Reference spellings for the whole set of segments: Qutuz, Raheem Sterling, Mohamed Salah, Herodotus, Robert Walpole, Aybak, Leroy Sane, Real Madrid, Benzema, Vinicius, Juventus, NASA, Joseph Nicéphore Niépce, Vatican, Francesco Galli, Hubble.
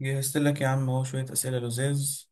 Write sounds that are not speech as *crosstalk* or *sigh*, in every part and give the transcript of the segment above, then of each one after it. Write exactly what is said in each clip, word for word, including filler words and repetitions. جهزت لك يا عم اهو شوية أسئلة لذيذ.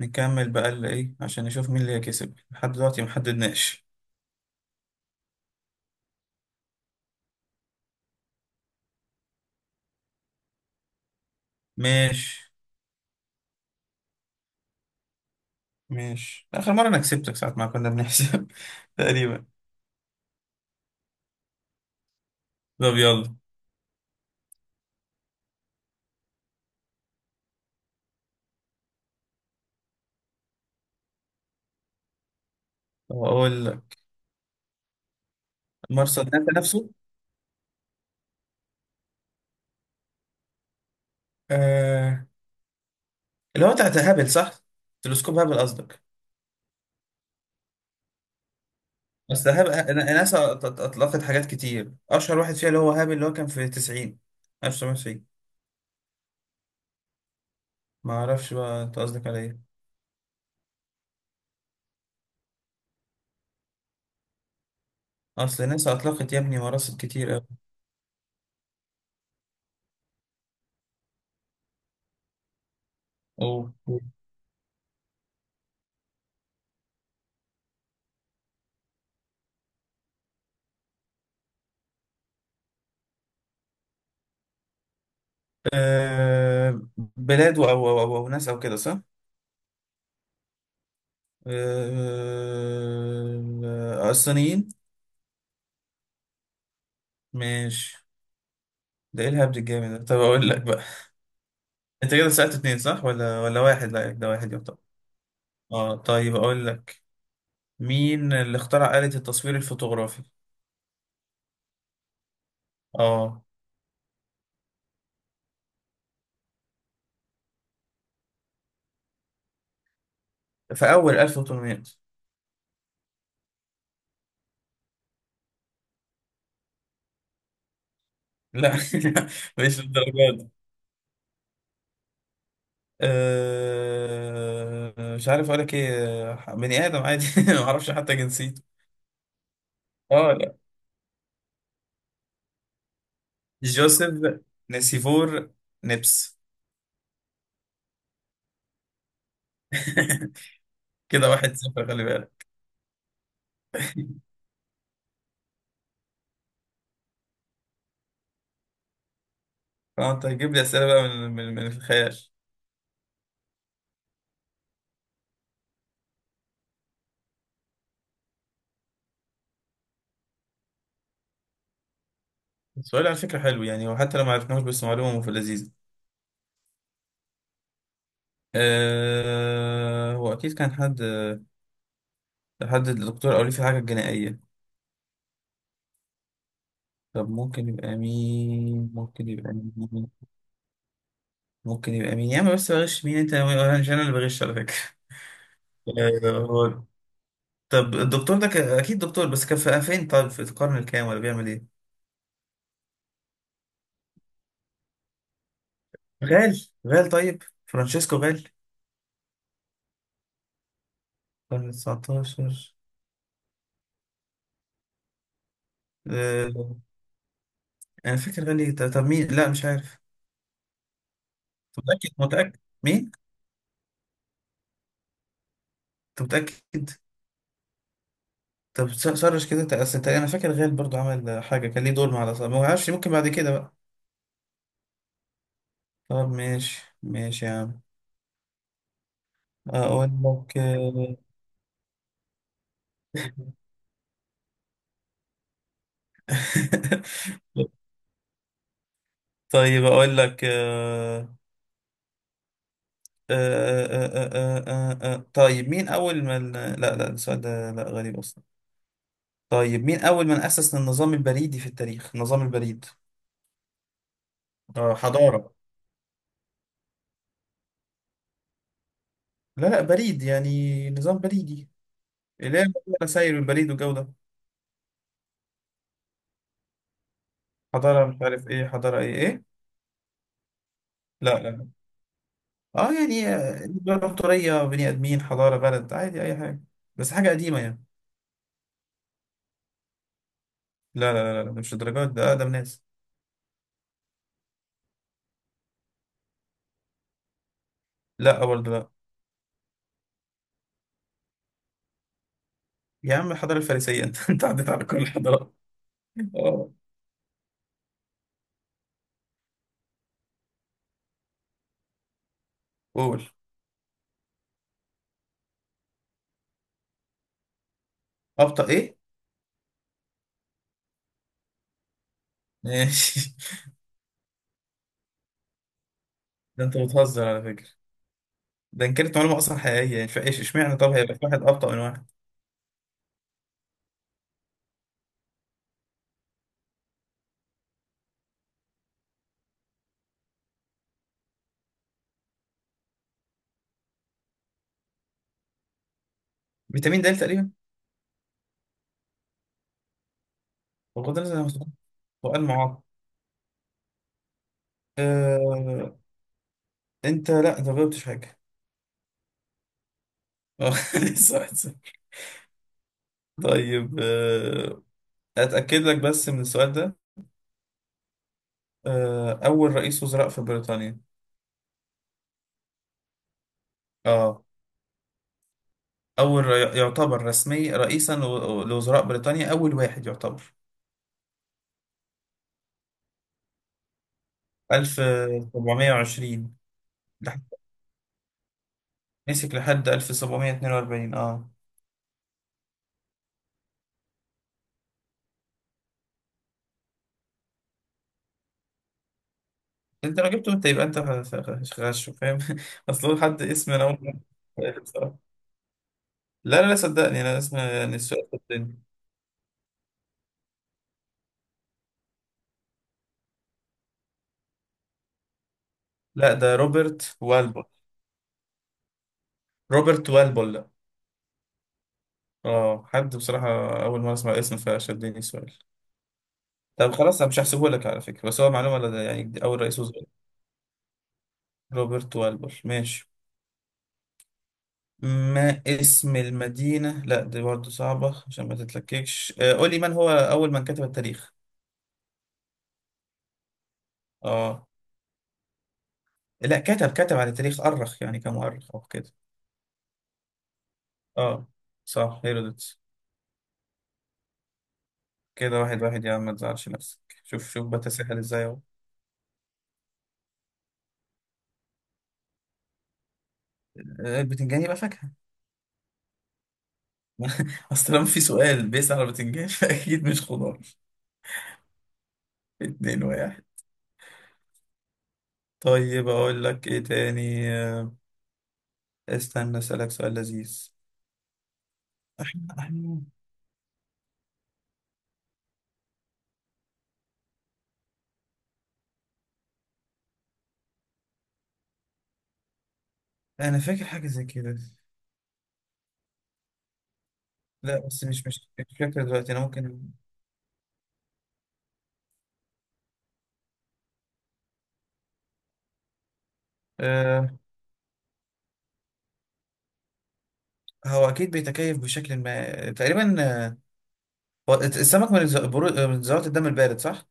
نكمل بقى اللي إيه عشان نشوف مين اللي هيكسب. لحد دلوقتي محددناش. ماشي. ماشي، آخر مرة أنا كسبتك ساعة ما كنا بنحسب *laughs* تقريبا. طب يلا. طب أقول لك، مرسل ناسا نفسه. آه... اللي هو بتاع هابل، صح؟ تلسكوب هابل قصدك. بس هابل أنا- ناسا أط- أط- أطلقت حاجات كتير، أشهر واحد فيها اللي هو هابل، اللي هو كان في تسعين، ألف تسعمية وتسعين. ما أعرفش بقى أنت قصدك على إيه. أصل ناسا أطلقت يا ابني مراسل كتير أوي. أوه. آه، بلاد أو أو أو أو ناس أو كده، صح؟ آه، آه، الصينيين. ماشي. ده إيه الهبد الجامد ده؟ طب أقول لك بقى. أنت كده سألت اتنين صح ولا ولا واحد؟ لا ده واحد يعتبر. اه طيب أقول لك، مين اللي اخترع آلة التصوير الفوتوغرافي؟ اه، في أول ألف وتمنمية. لا *laughs* مش للدرجة دي. آه، مش عارف أقول لك إيه. آه، بني آدم عادي *laughs* معرفش حتى جنسيته. اه، جوزيف نسيفور نبس. *laughs* كده واحد صفر، خلي بالك. فانت هتجيب لي اسئله بقى من من, من الخيال. السؤال على فكره حلو يعني، وحتى لو ما عرفناهوش بس معلومه في اللذيذ. أه هو اكيد كان حد، حد الدكتور او ليه في حاجه جنائيه. طب ممكن يبقى مين؟ ممكن يبقى مين ممكن يبقى مين يا عم؟ بس بغش مين انت؟ انا مش انا اللي بغش على فكره. *laughs* أه هو- طب الدكتور ده ك... اكيد دكتور، بس كان في- فين؟ طيب في القرن الكام ولا بيعمل ايه؟ غال غال، طيب فرانشيسكو غال. قرن التاسع عشر. آه، انا فاكر غالي. طب طب مين؟ لا مش عارف. أنت متأكد متأكد مين؟ انت متأكد؟ طب س- سرش كده انت، اصل انت، انا فاكر غال برضو عمل حاجة كان ليه دور مع الأصابة، ما اعرفش، ممكن بعد كده بقى. طب ماشي ماشي يا عم. اقول لك، آه، *laughs* طيب اقول لك، آه، آه، آه، آه، آه، آه، آه، آه، طيب مين اول ما ال- لا لا السؤال ده لا غريب اصلا. طيب مين أول من أسس النظام البريدي في التاريخ؟ النظام البريد. آه حضارة. لا لا، بريد يعني نظام بريدي، اللي هي سير البريد والجو ده. حضارة مش عارف إيه، حضارة إيه إيه. لا لا لا. آه يعني آه، إمبراطورية، بني آدمين، حضارة، بلد، عادي أي حاجة. بس حاجة قديمة يعني. لا لا لا, لا مش الدرجات ده، أقدم ناس. لا برضه لا. يا عم الحضارة الفارسية *laughs* أنت أنت عديت على كل الحضارات. آه قول. أبطأ إيه؟ ماشي. *laughs* ده أنت بتهزر على فكرة. ده ان كانت معلومه اصلا حقيقيه يعني، فايش اشمعنى طب هيبقى في واحد ابطا من واحد. فيتامين د تقريبا. وقد نزل. وقال معاق. آه... انت لا انت ما جاوبتش حاجه. آه، *laughs* لسه واحد صفر. طيب آه... اتاكد لك بس من السؤال ده. آه... اول رئيس وزراء في بريطانيا. اه، اول رئي... يعتبر رسمي رئيسا لو- لوزراء بريطانيا، اول واحد يعتبر. ألف سبعمية وعشرين. لح- مسك لحد ألف سبعمية واتنين وأربعين. اه انت لو جبته انت يبقى انت غش- غش- غش، فاهم؟ *laughs* اصل هو حد اسم، انا اول مرة بصراحة. لا لا لا، صدقني انا اسم يعني السؤال، صدقني. لا ده روبرت والبول. روبرت والبول، لا. اه حد بصراحة أول مرة أسمع اسم، فشدني السؤال. طب خلاص أنا مش هحسبه لك على فكرة، بس هو معلومة لدى يعني دي أول رئيس وزراء. روبرت والبول. ماشي. ما اسم المدينة، لا دي برضه صعبة عشان ما تتلككش. آه، قول لي، من هو أول من كتب التاريخ؟ اه. لا، كتب كتب على التاريخ، أرخ يعني، كمؤرخ أو كده. اه صح، هيرودوتس. كده واحد واحد يا عم، ما تزعلش نفسك. شوف شوف بتساهل ازاي اهو. آه، البتنجان يبقى فاكهة. *laughs* اصل لما في سؤال بيسأل على البتنجان *laughs* فأكيد مش خضار. اتنين واحد. طيب اقول لك ايه تاني. آه، استنى اسألك سؤال لذيذ. احنا احنا انا فاكر حاجة زي كده. لا بس مش مش مش فاكر دلوقتي، انا ممكن. أه هو اكيد بيتكيف بشكل ما تقريبا. آه، هو السمك من ز- برو- من ذرات الدم البارد، صح؟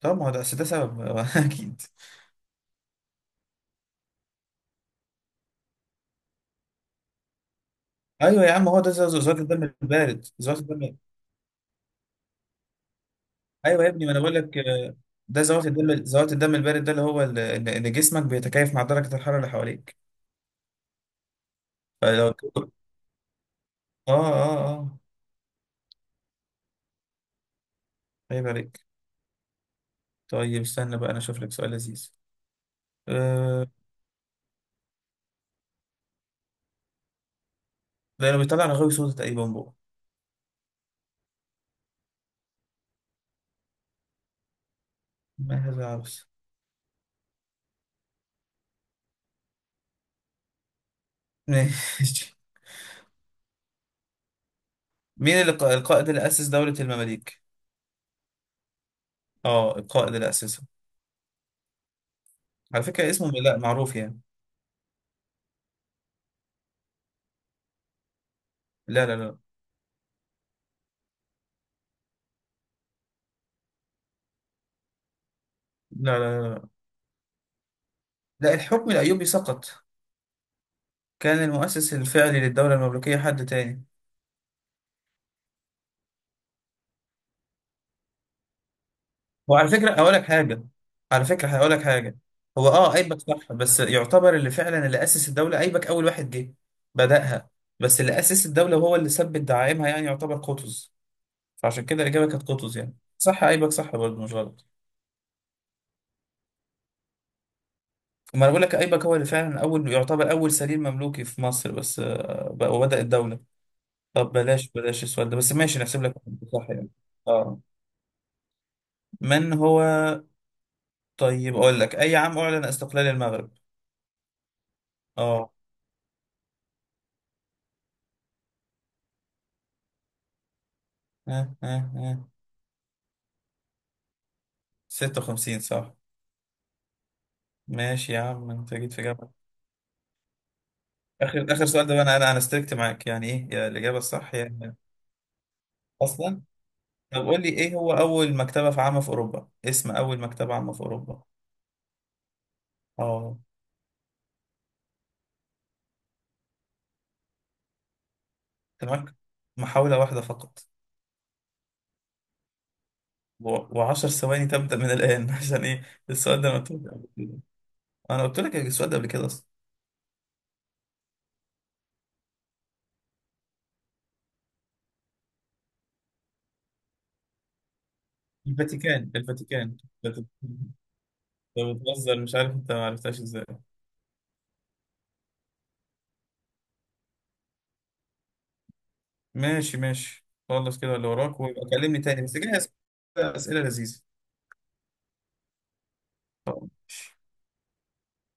طب ما هو ده أصل ده سبب *laughs* اكيد. ايوه يا عم هو ده زو- زوات الدم البارد، زوات الدم. ايوه يا ابني ما انا بقول لك، آه، ده زوات الدم، زوات الدم البارد، ده اللي هو ال- ان إن جسمك بيتكيف مع درجه الحراره اللي حواليك. فلو *laughs* اه اه اه عيب عليك. طيب استنى بقى انا اشوف لك سؤال لذيذ. أه... لانه بيطلع رغاوي سودا تقريبا بقى. ما هذا عبث. *laughs* ماشي. مين اللي ق- القائد اللي اسس دوله المماليك؟ اه القائد اللي اسسها، على فكره اسمه لا معروف يعني. لا لا لا لا لا لا, لا. لا، الحكم الايوبي سقط، كان المؤسس الفعلي للدولة المملوكية حد تاني. وعلى فكرة هقول لك حاجة. على فكرة هقول لك حاجة. هو اه ايبك صح، بس يعتبر اللي فعلا اللي أسس الدولة، ايبك أول واحد جه بدأها، بس اللي أسس الدولة وهو اللي ثبت دعائمها يعني يعتبر قطز. فعشان كده الإجابة كانت قطز، يعني صح ايبك، صح برضه مش غلط. ما انا بقول لك ايبك هو اللي فعلا اول، يعتبر اول سليم مملوكي في مصر، بس آه، بقى- وبدأ الدولة. طب بلاش بلاش السؤال ده، بس ماشي نحسب لك. صح يعني. اه. من هو طيب أقول لك، أي عام أعلن استقلال المغرب؟ أه. آه، آه، آه. ستة وخمسين صح. ماشي يا عم أنت جيت في جامعة. آخر آخر سؤال ده بقى، أنا أنا أنا استركت معاك يعني إيه يا الإجابة الصح يعني. أصلا طب قول لي، إيه هو أول مكتبة في عامة في أوروبا؟ اسم أول مكتبة عامة في أوروبا. أه. أنت معاك محاولة واحدة فقط، و- وعشر ثواني تبدأ من الآن. *laughs* عشان إيه السؤال ده؟ أنا قلت لك قبل كده. أنا قلت لك السؤال ده قبل كده أصلا. الفاتيكان، الفاتيكان. الفاتيكان. أنت بتهزر، مش عارف أنت ما عرفتهاش إزاي. ماشي ماشي، خلص كده اللي وراك ويبقى كلمني تاني بس جهز. أسئلة لذيذة.